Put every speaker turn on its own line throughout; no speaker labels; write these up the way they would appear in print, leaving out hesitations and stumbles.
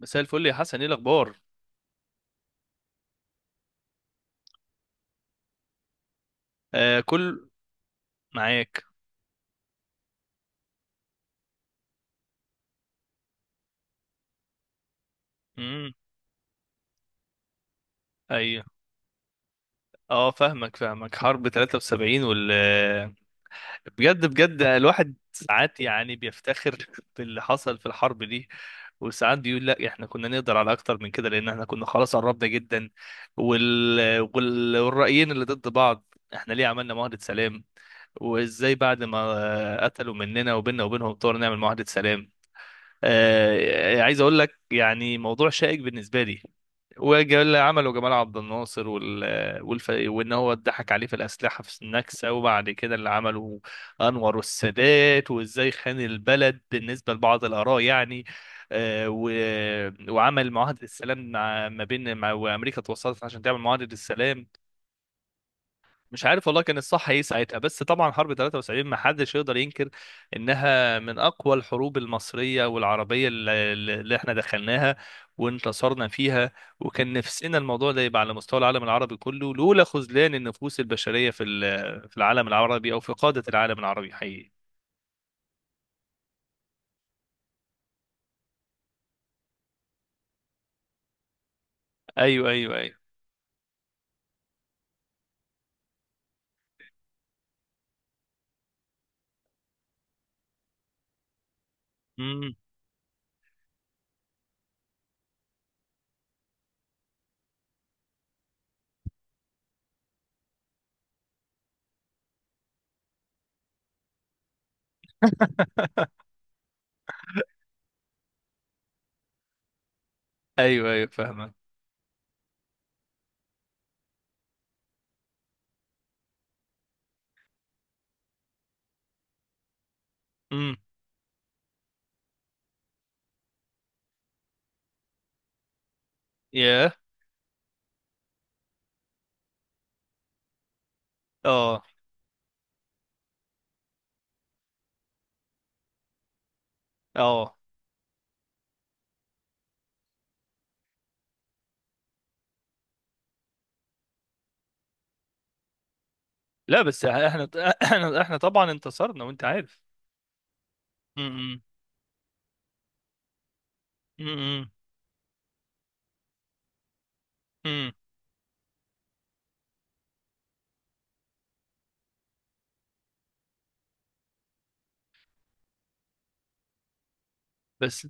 مساء الفل يا حسن، ايه الاخبار؟ آه، كل معاك. امم. ايوه. اه، فاهمك فاهمك حرب 73 بجد بجد الواحد ساعات يعني بيفتخر باللي حصل في الحرب دي. وساعات بيقول لا، احنا كنا نقدر على اكتر من كده، لان احنا كنا خلاص قربنا جدا. والرأيين اللي ضد بعض. احنا ليه عملنا معاهدة سلام؟ وازاي بعد ما قتلوا مننا وبيننا وبينهم طور نعمل معاهدة سلام؟ عايز اقول لك يعني موضوع شائك بالنسبه لي. وجمال عمله جمال عبد الناصر، وان هو اتضحك عليه في الاسلحه في النكسه. وبعد كده اللي عمله انور السادات وازاي خان البلد بالنسبه لبعض الاراء يعني. آه، و... وعمل معاهده السلام، مع... ما بين مع... وامريكا توصلت عشان تعمل معاهده السلام. مش عارف والله كان الصح ايه ساعتها. بس طبعا حرب 73 ما حدش يقدر ينكر انها من اقوى الحروب المصريه والعربيه اللي احنا دخلناها وانتصرنا فيها. وكان نفسنا الموضوع ده يبقى على مستوى العالم العربي كله، لولا خذلان النفوس البشريه في العالم العربي، او في قاده العالم العربي حقيقي. ايوه ايوه ايوه. امم. ايوه ايوه، فاهمك. امم. ياه. اه. اه. لا، بس احنا، احنا طبعا انتصرنا، وانت عارف. امم. امم. امم. بس.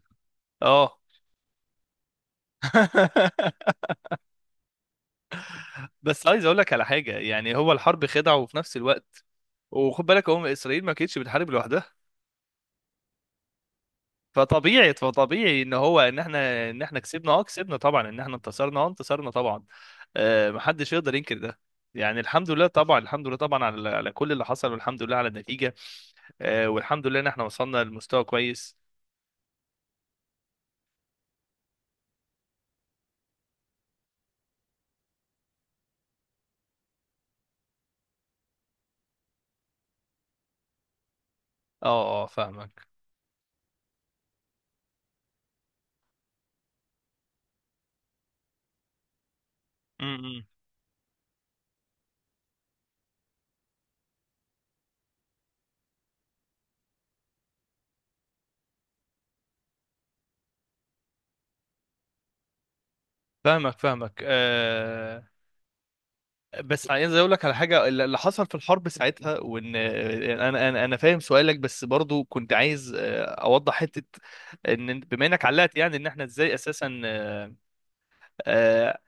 اه. بس عايز اقول لك على حاجه. يعني هو الحرب خدعه، وفي نفس الوقت وخد بالك، هم اسرائيل ما كانتش بتحارب لوحدها. فطبيعي فطبيعي ان احنا كسبنا، اه كسبنا طبعا، ان احنا انتصرنا، اه انتصرنا طبعا. آه، محدش يقدر ينكر ده. يعني الحمد لله طبعا، الحمد لله طبعا على على كل اللي حصل، والحمد لله على النتيجه. آه، والحمد لله ان احنا وصلنا لمستوى كويس. اه. اه، فاهمك. م- م. فاهمك فاهمك. بس عايز اقول لك على حاجه. اللي حصل في الحرب ساعتها، وان انا فاهم سؤالك، بس برضو كنت عايز اوضح حته. ان بما انك علقت يعني، ان احنا ازاي اساسا آه،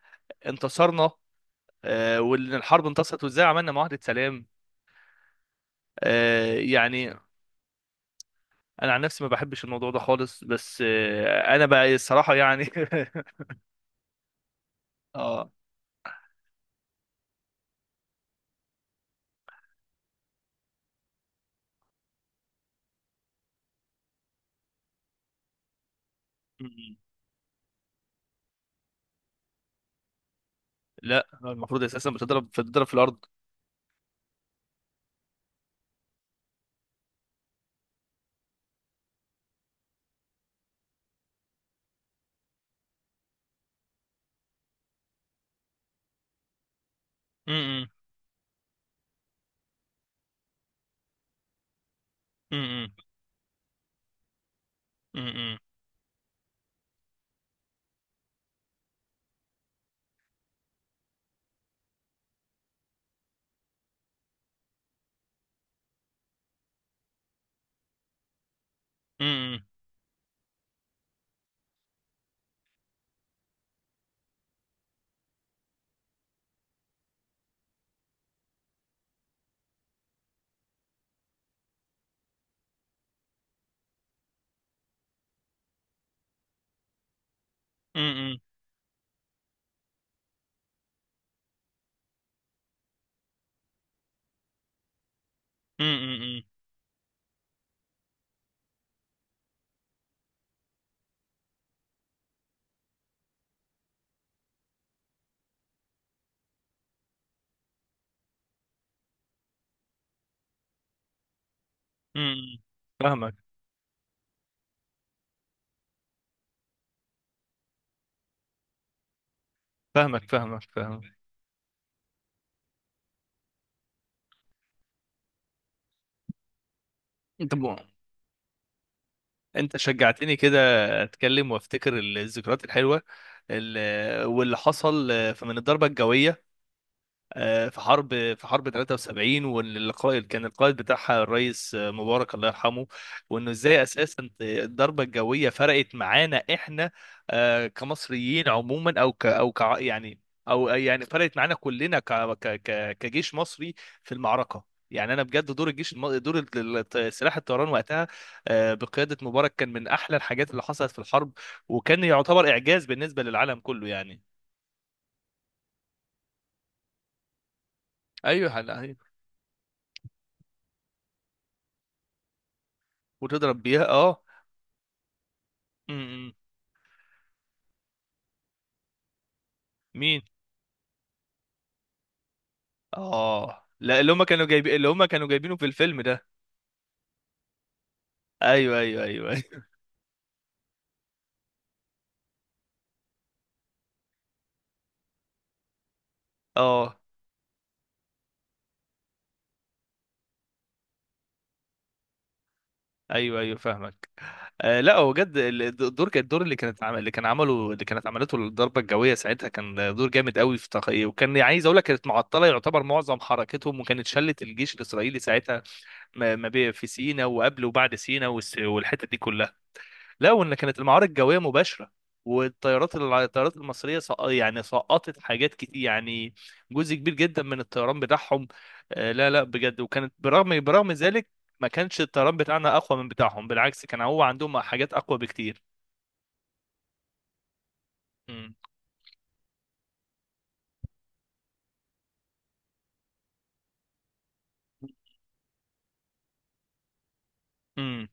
انتصرنا. وان الحرب انتصرت وازاي عملنا معاهده سلام. يعني انا عن نفسي ما بحبش الموضوع ده خالص. بس انا بقى الصراحه يعني اه. م-م. لا، المفروض اساسا بتضرب في الارض. م-م. م-م. م-م. م-م. م-م. م-م. م-م. امم. فاهمك فاهمك. فاهمك فاهمك. انت م... آه. انت شجعتني كده، اتكلم وافتكر الذكريات الحلوه واللي حصل من الضربه الجويه. في حرب، في حرب 73. والقائد كان القائد بتاعها الرئيس مبارك الله يرحمه. وانه ازاي اساسا الضربه الجويه فرقت معانا احنا، كمصريين عموما، او ك او ك يعني، او يعني فرقت معانا كلنا كجيش مصري في المعركه. يعني انا بجد دور سلاح الطيران وقتها، بقياده مبارك كان من احلى الحاجات اللي حصلت في الحرب، وكان يعتبر اعجاز بالنسبه للعالم كله يعني. ايوه هلا- وتضرب بيها اه. مين؟ اه لا، اللي هم كانوا جايبين، اللي هم كانوا جايبينه في الفيلم ده. ايوه ايوه ايوه، أيوة. اه. ايوه ايوه، فاهمك. آه لا، هو بجد الدور، كان الدور اللي كانت عمل اللي كان عمله اللي كانت عملته الضربه الجويه ساعتها، كان دور جامد قوي في تقييم. وكان عايز اقول لك، كانت معطله يعتبر معظم حركتهم، وكانت شلت الجيش الاسرائيلي ساعتها، ما ما بي- في سينا وقبل وبعد سينا والحته دي كلها. لا، وان كانت المعارك الجويه مباشره، والطيارات الطيارات المصريه يعني سقطت حاجات كتير يعني، جزء كبير جدا من الطيران بتاعهم. لا لا بجد، وكانت برغم ذلك ما كانش الطيران بتاعنا اقوى من بتاعهم، بالعكس كان هو عندهم حاجات اقوى بكتير. مم. مم.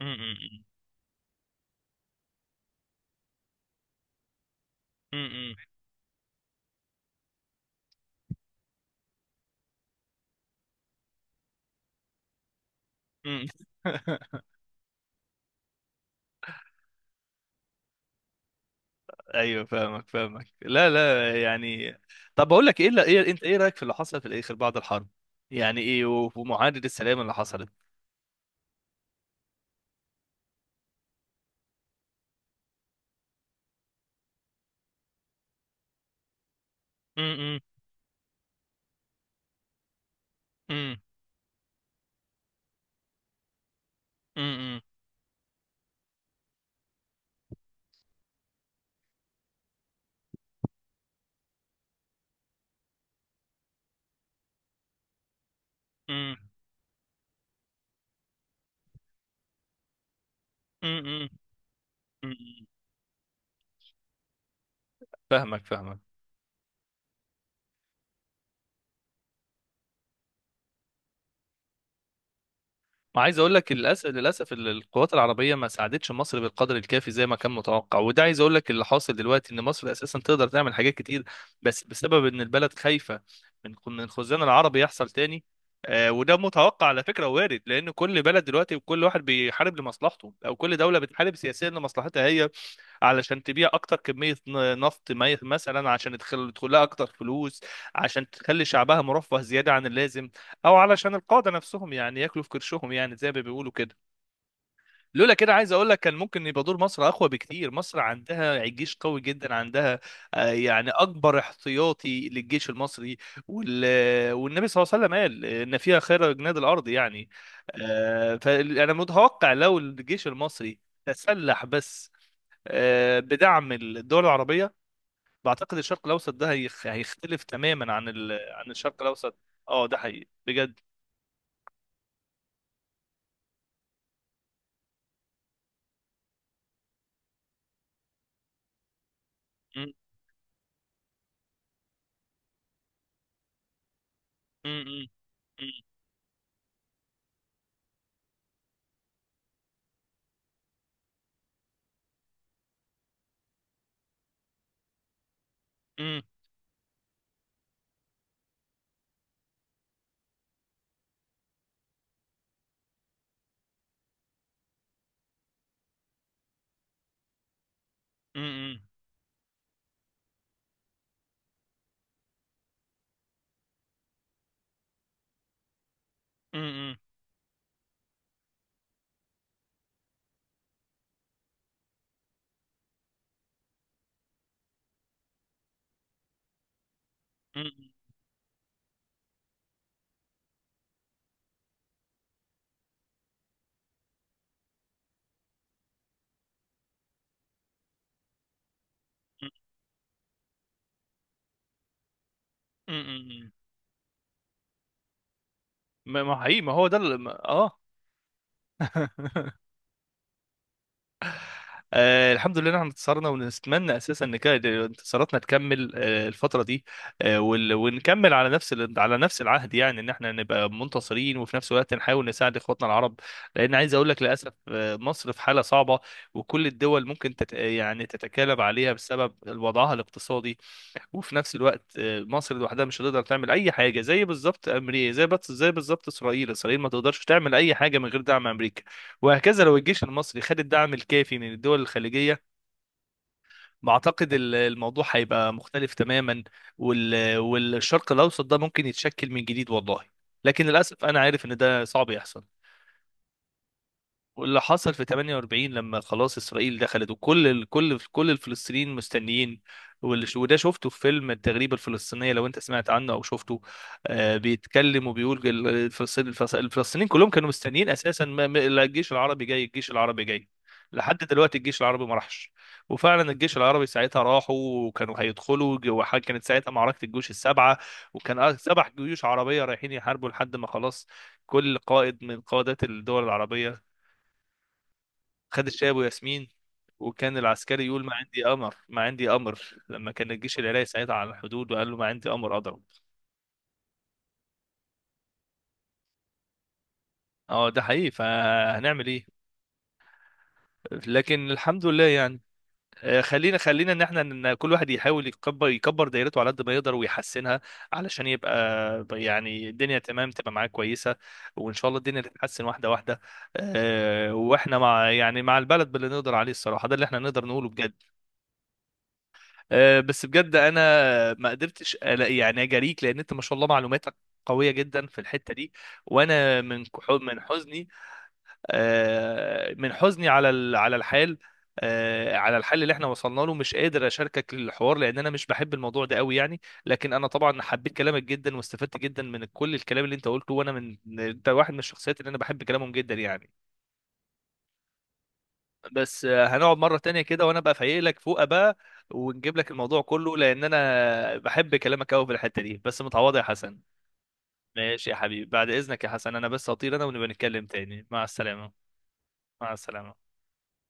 مم. مم. مم. مم. ايوه فاهمك فاهمك. لا لا يعني. طب بقول لك ايه، لا ايه انت، ايه رايك في اللي حصل في الاخر بعد الحرب؟ يعني ايه، ومعاهده السلام اللي حصلت؟ مم. مم. مم. امم. امم. امم. فاهمك فاهمك. وعايز اقول لك للاسف للاسف القوات العربيه ما ساعدتش مصر بالقدر الكافي زي ما كان متوقع. وده عايز اقول لك اللي حاصل دلوقتي، ان مصر اساسا تقدر تعمل حاجات كتير، بس بسبب ان البلد خايفه من الخزان العربي يحصل تاني. آه، وده متوقع على فكره، وارد، لان كل بلد دلوقتي وكل واحد بيحارب لمصلحته، او كل دوله بتحارب سياسيا لمصلحتها هي، علشان تبيع اكتر كميه نفط مثلا، عشان يدخل لها اكتر فلوس، عشان تخلي شعبها مرفه زياده عن اللازم، او علشان القاده نفسهم يعني ياكلوا في كرشهم يعني زي ما بيقولوا كده. لولا كده عايز اقول لك كان ممكن يبقى دور مصر اقوى بكتير. مصر عندها جيش قوي جدا، عندها يعني اكبر احتياطي للجيش المصري. وال... والنبي صلى الله عليه وسلم قال ان فيها خير جناد الارض يعني. فانا متوقع لو الجيش المصري تسلح، بس بدعم الدول العربية، بعتقد الشرق الأوسط ده هيختلف تماما عن عن الشرق الأوسط. اه ده حقيقي بجد. م- م- م- م- م- م- م- م- م- م- م- م- م- ما هو حقيقي، ما هو ده اه. آه الحمد لله إن احنا انتصرنا، ونتمنى اساسا ان كانت انتصاراتنا تكمل آه الفتره دي. آه ونكمل على نفس على نفس العهد، يعني ان احنا نبقى منتصرين، وفي نفس الوقت نحاول نساعد اخواتنا العرب، لان عايز اقول لك للاسف آه مصر في حاله صعبه، وكل الدول ممكن تت يعني تتكالب عليها بسبب وضعها الاقتصادي. وفي نفس الوقت مصر لوحدها مش هتقدر تعمل اي حاجه، زي بالظبط امريكا، زي بس زي بالظبط اسرائيل، اسرائيل ما تقدرش تعمل اي حاجه من غير دعم امريكا. وهكذا لو الجيش المصري خد الدعم الكافي من الدول الخليجيه، بعتقد الموضوع هيبقى مختلف تماما، والشرق الاوسط ده ممكن يتشكل من جديد والله. لكن للاسف انا عارف ان ده صعب يحصل. واللي حصل في 48 لما خلاص اسرائيل دخلت، وكل كل الفلسطينيين مستنيين. وده شفته في فيلم التغريبه الفلسطينيه لو انت سمعت عنه او شفته. آه بيتكلم وبيقول الفلسطينيين كلهم كانوا مستنيين اساسا، لا الجيش العربي جاي، الجيش العربي جاي. لحد دلوقتي الجيش العربي ما راحش. وفعلا الجيش العربي ساعتها راحوا، وكانوا هيدخلوا كانت ساعتها معركه الجيوش السبعه. وكان سبع جيوش عربيه رايحين يحاربوا لحد ما خلاص كل قائد من قادات الدول العربية خد الشاي ابو ياسمين. وكان العسكري يقول: ما عندي امر، ما عندي امر. لما كان الجيش العراقي ساعتها على الحدود، وقال له ما عندي امر اضرب. اه ده حقيقي، فهنعمل ايه. لكن الحمد لله يعني. خلينا خلينا ان احنا ان كل واحد يحاول يكبر، يكبر دايرته على قد ما يقدر ويحسنها، علشان يبقى يعني الدنيا تمام تبقى معاه كويسه. وان شاء الله الدنيا تتحسن واحده واحده. واحنا مع يعني مع البلد باللي نقدر عليه، الصراحه ده اللي احنا نقدر نقوله بجد. بس بجد انا ما قدرتش ألاقي يعني اجاريك، لان انت ما شاء الله معلوماتك قويه جدا في الحته دي. وانا من من حزني، من حزني على على الحال، على الحل اللي احنا وصلنا له، مش قادر اشاركك الحوار، لان انا مش بحب الموضوع ده قوي يعني. لكن انا طبعا حبيت كلامك جدا، واستفدت جدا من كل الكلام اللي انت قلته. وانا من انت واحد من الشخصيات اللي انا بحب كلامهم جدا يعني. بس هنقعد مرة تانية كده وانا بقى فايق لك فوقه بقى، ونجيب لك الموضوع كله، لان انا بحب كلامك قوي في الحتة دي. بس متعوضة يا حسن. ماشي يا حبيبي. بعد اذنك يا حسن، انا بس هطير انا، ونبقى نتكلم تاني. مع السلامة. مع السلامة.